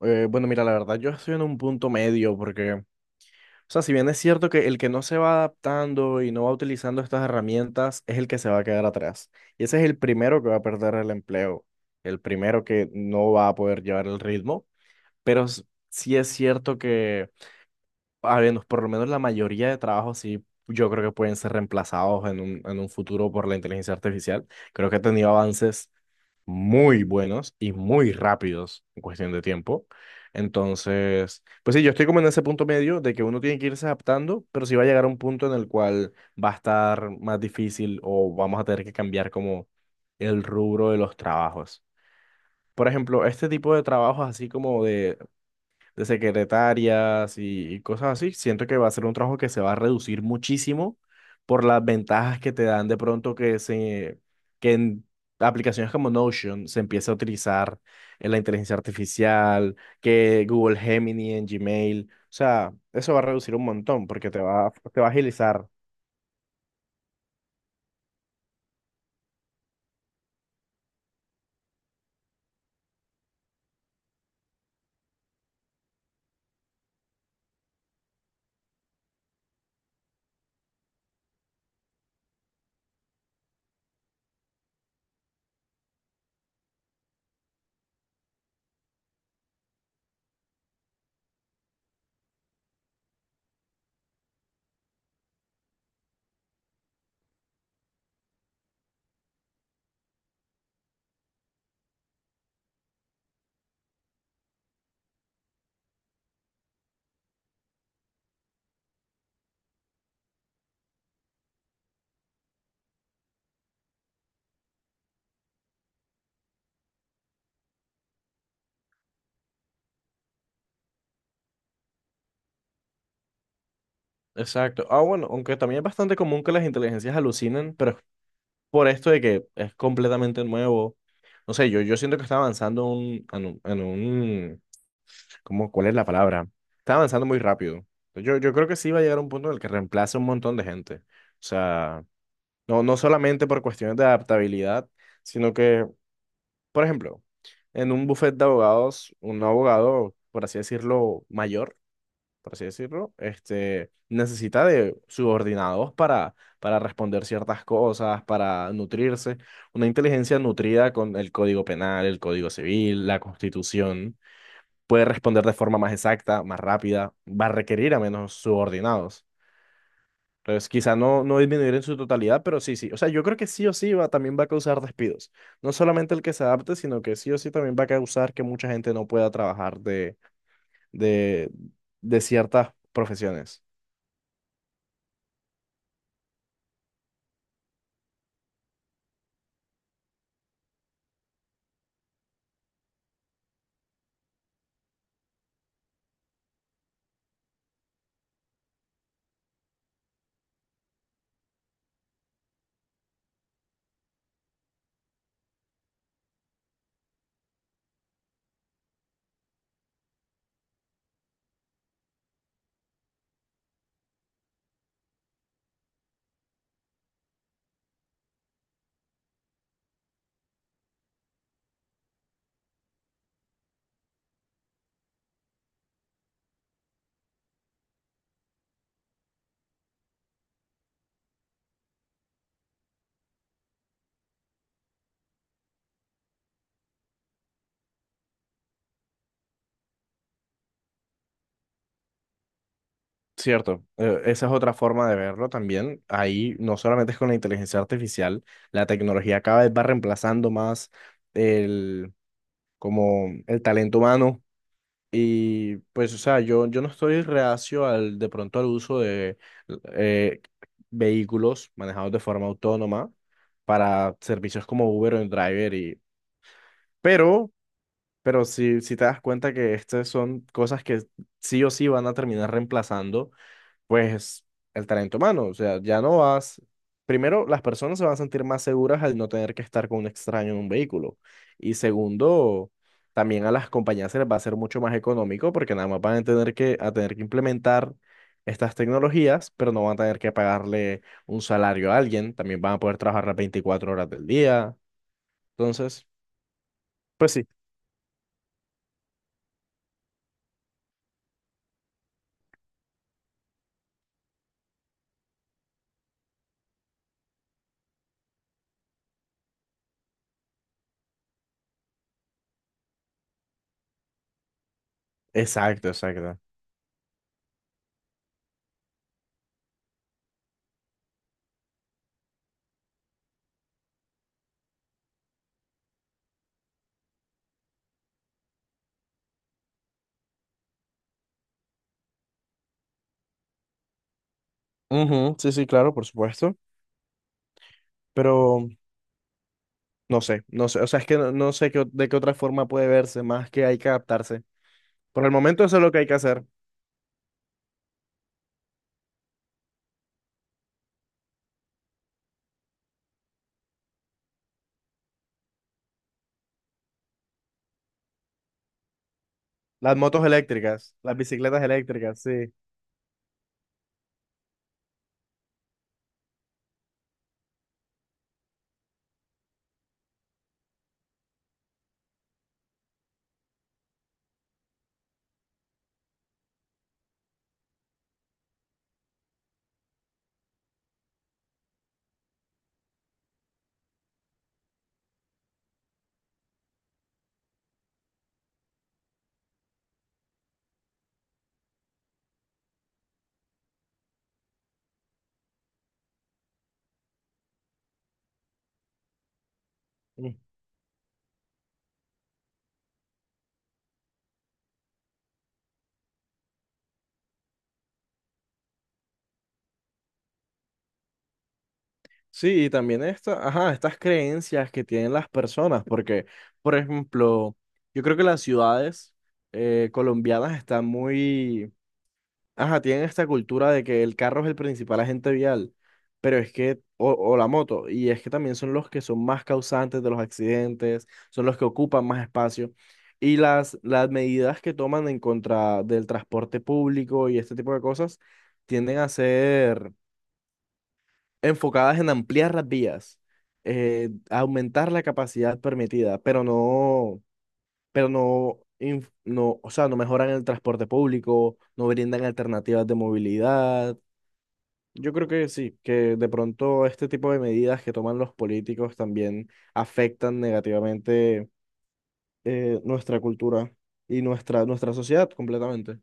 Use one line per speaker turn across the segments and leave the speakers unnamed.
Bueno, Mira, la verdad yo estoy en un punto medio porque, o sea, si bien es cierto que el que no se va adaptando y no va utilizando estas herramientas es el que se va a quedar atrás. Y ese es el primero que va a perder el empleo, el primero que no va a poder llevar el ritmo, pero sí es cierto que, al menos, por lo menos la mayoría de trabajos sí, yo creo que pueden ser reemplazados en un futuro por la inteligencia artificial. Creo que ha tenido avances muy buenos y muy rápidos en cuestión de tiempo. Entonces, pues sí, yo estoy como en ese punto medio de que uno tiene que irse adaptando, pero sí va a llegar a un punto en el cual va a estar más difícil o vamos a tener que cambiar como el rubro de los trabajos. Por ejemplo, este tipo de trabajos así como de secretarias y cosas así. Siento que va a ser un trabajo que se va a reducir muchísimo por las ventajas que te dan de pronto que se que en aplicaciones como Notion se empiece a utilizar en la inteligencia artificial, que Google Gemini en Gmail, o sea, eso va a reducir un montón porque te va a agilizar. Exacto. Bueno, aunque también es bastante común que las inteligencias alucinen, pero es por esto de que es completamente nuevo. No sé, yo siento que está avanzando en un ¿cómo, cuál es la palabra? Está avanzando muy rápido. Yo creo que sí va a llegar a un punto en el que reemplace un montón de gente. O sea, no solamente por cuestiones de adaptabilidad, sino que, por ejemplo, en un buffet de abogados, un abogado, por así decirlo, mayor, por así decirlo, necesita de subordinados para responder ciertas cosas, para nutrirse. Una inteligencia nutrida con el Código Penal, el Código Civil, la Constitución puede responder de forma más exacta, más rápida, va a requerir a menos subordinados. Entonces, quizá no disminuir en su totalidad, pero sí, sí. O sea, yo creo que sí o sí también va a causar despidos. No solamente el que se adapte, sino que sí o sí también va a causar que mucha gente no pueda trabajar de, de ciertas profesiones. Cierto, esa es otra forma de verlo también. Ahí no solamente es con la inteligencia artificial, la tecnología cada vez va reemplazando más el, como el talento humano. Y pues, o sea, yo no estoy reacio al, de pronto al uso de eh, vehículos manejados de forma autónoma para servicios como Uber o Driver pero, pero si te das cuenta que estas son cosas que sí o sí van a terminar reemplazando pues el talento humano, o sea, ya no vas, primero las personas se van a sentir más seguras al no tener que estar con un extraño en un vehículo y segundo, también a las compañías se les va a hacer mucho más económico porque nada más van a tener a tener que implementar estas tecnologías, pero no van a tener que pagarle un salario a alguien, también van a poder trabajar las 24 horas del día, entonces, pues sí, exacto, exacto. Ujú, sí, sí, claro, por supuesto, pero... No sé, no sé, o sea, es que no, no sé qué de qué otra forma puede verse, más que hay que adaptarse. Por el momento eso es lo que hay que hacer. Las motos eléctricas, las bicicletas eléctricas, sí. Mm. Sí, y también esta, ajá, estas creencias que tienen las personas, porque, por ejemplo, yo creo que las ciudades colombianas están muy ajá, tienen esta cultura de que el carro es el principal agente vial, pero es que, o la moto, y es que también son los que son más causantes de los accidentes, son los que ocupan más espacio. Y las medidas que toman en contra del transporte público y este tipo de cosas tienden a ser enfocadas en ampliar las vías, aumentar la capacidad permitida, pero o sea, no mejoran el transporte público, no brindan alternativas de movilidad. Yo creo que sí, que de pronto este tipo de medidas que toman los políticos también afectan negativamente nuestra cultura y nuestra sociedad completamente.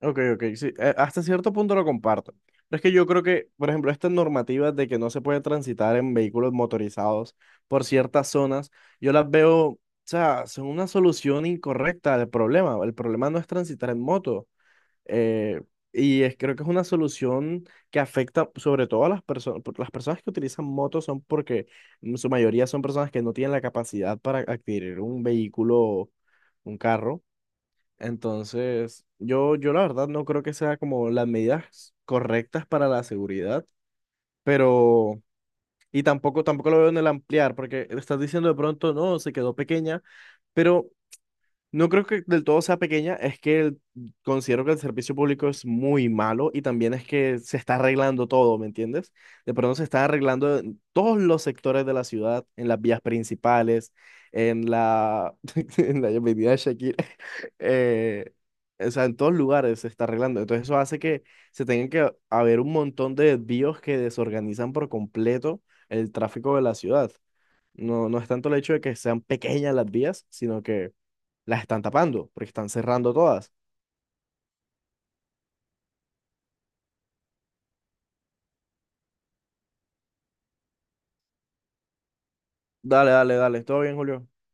Ok, ok, sí, hasta cierto punto lo comparto. Pero es que yo creo que, por ejemplo, estas normativas de que no se puede transitar en vehículos motorizados por ciertas zonas, yo las veo, o sea, son una solución incorrecta al problema. El problema no es transitar en moto. Eh, y es, creo que es una solución que afecta sobre todo a las personas que utilizan motos son porque en su mayoría son personas que no tienen la capacidad para adquirir un vehículo, un carro. Entonces, yo la verdad no creo que sea como las medidas correctas para la seguridad, pero, y tampoco, tampoco lo veo en el ampliar, porque estás diciendo de pronto, no, se quedó pequeña, pero no creo que del todo sea pequeña, es que considero que el servicio público es muy malo y también es que se está arreglando todo, ¿me entiendes? De pronto se está arreglando en todos los sectores de la ciudad, en las vías principales, en la, en la avenida de Shakira, eh, o sea, en todos lugares se está arreglando. Entonces eso hace que se tengan que haber un montón de desvíos que desorganizan por completo el tráfico de la ciudad. No, no es tanto el hecho de que sean pequeñas las vías, sino que las están tapando, porque están cerrando todas. Dale, dale, dale. Todo bien, Julio.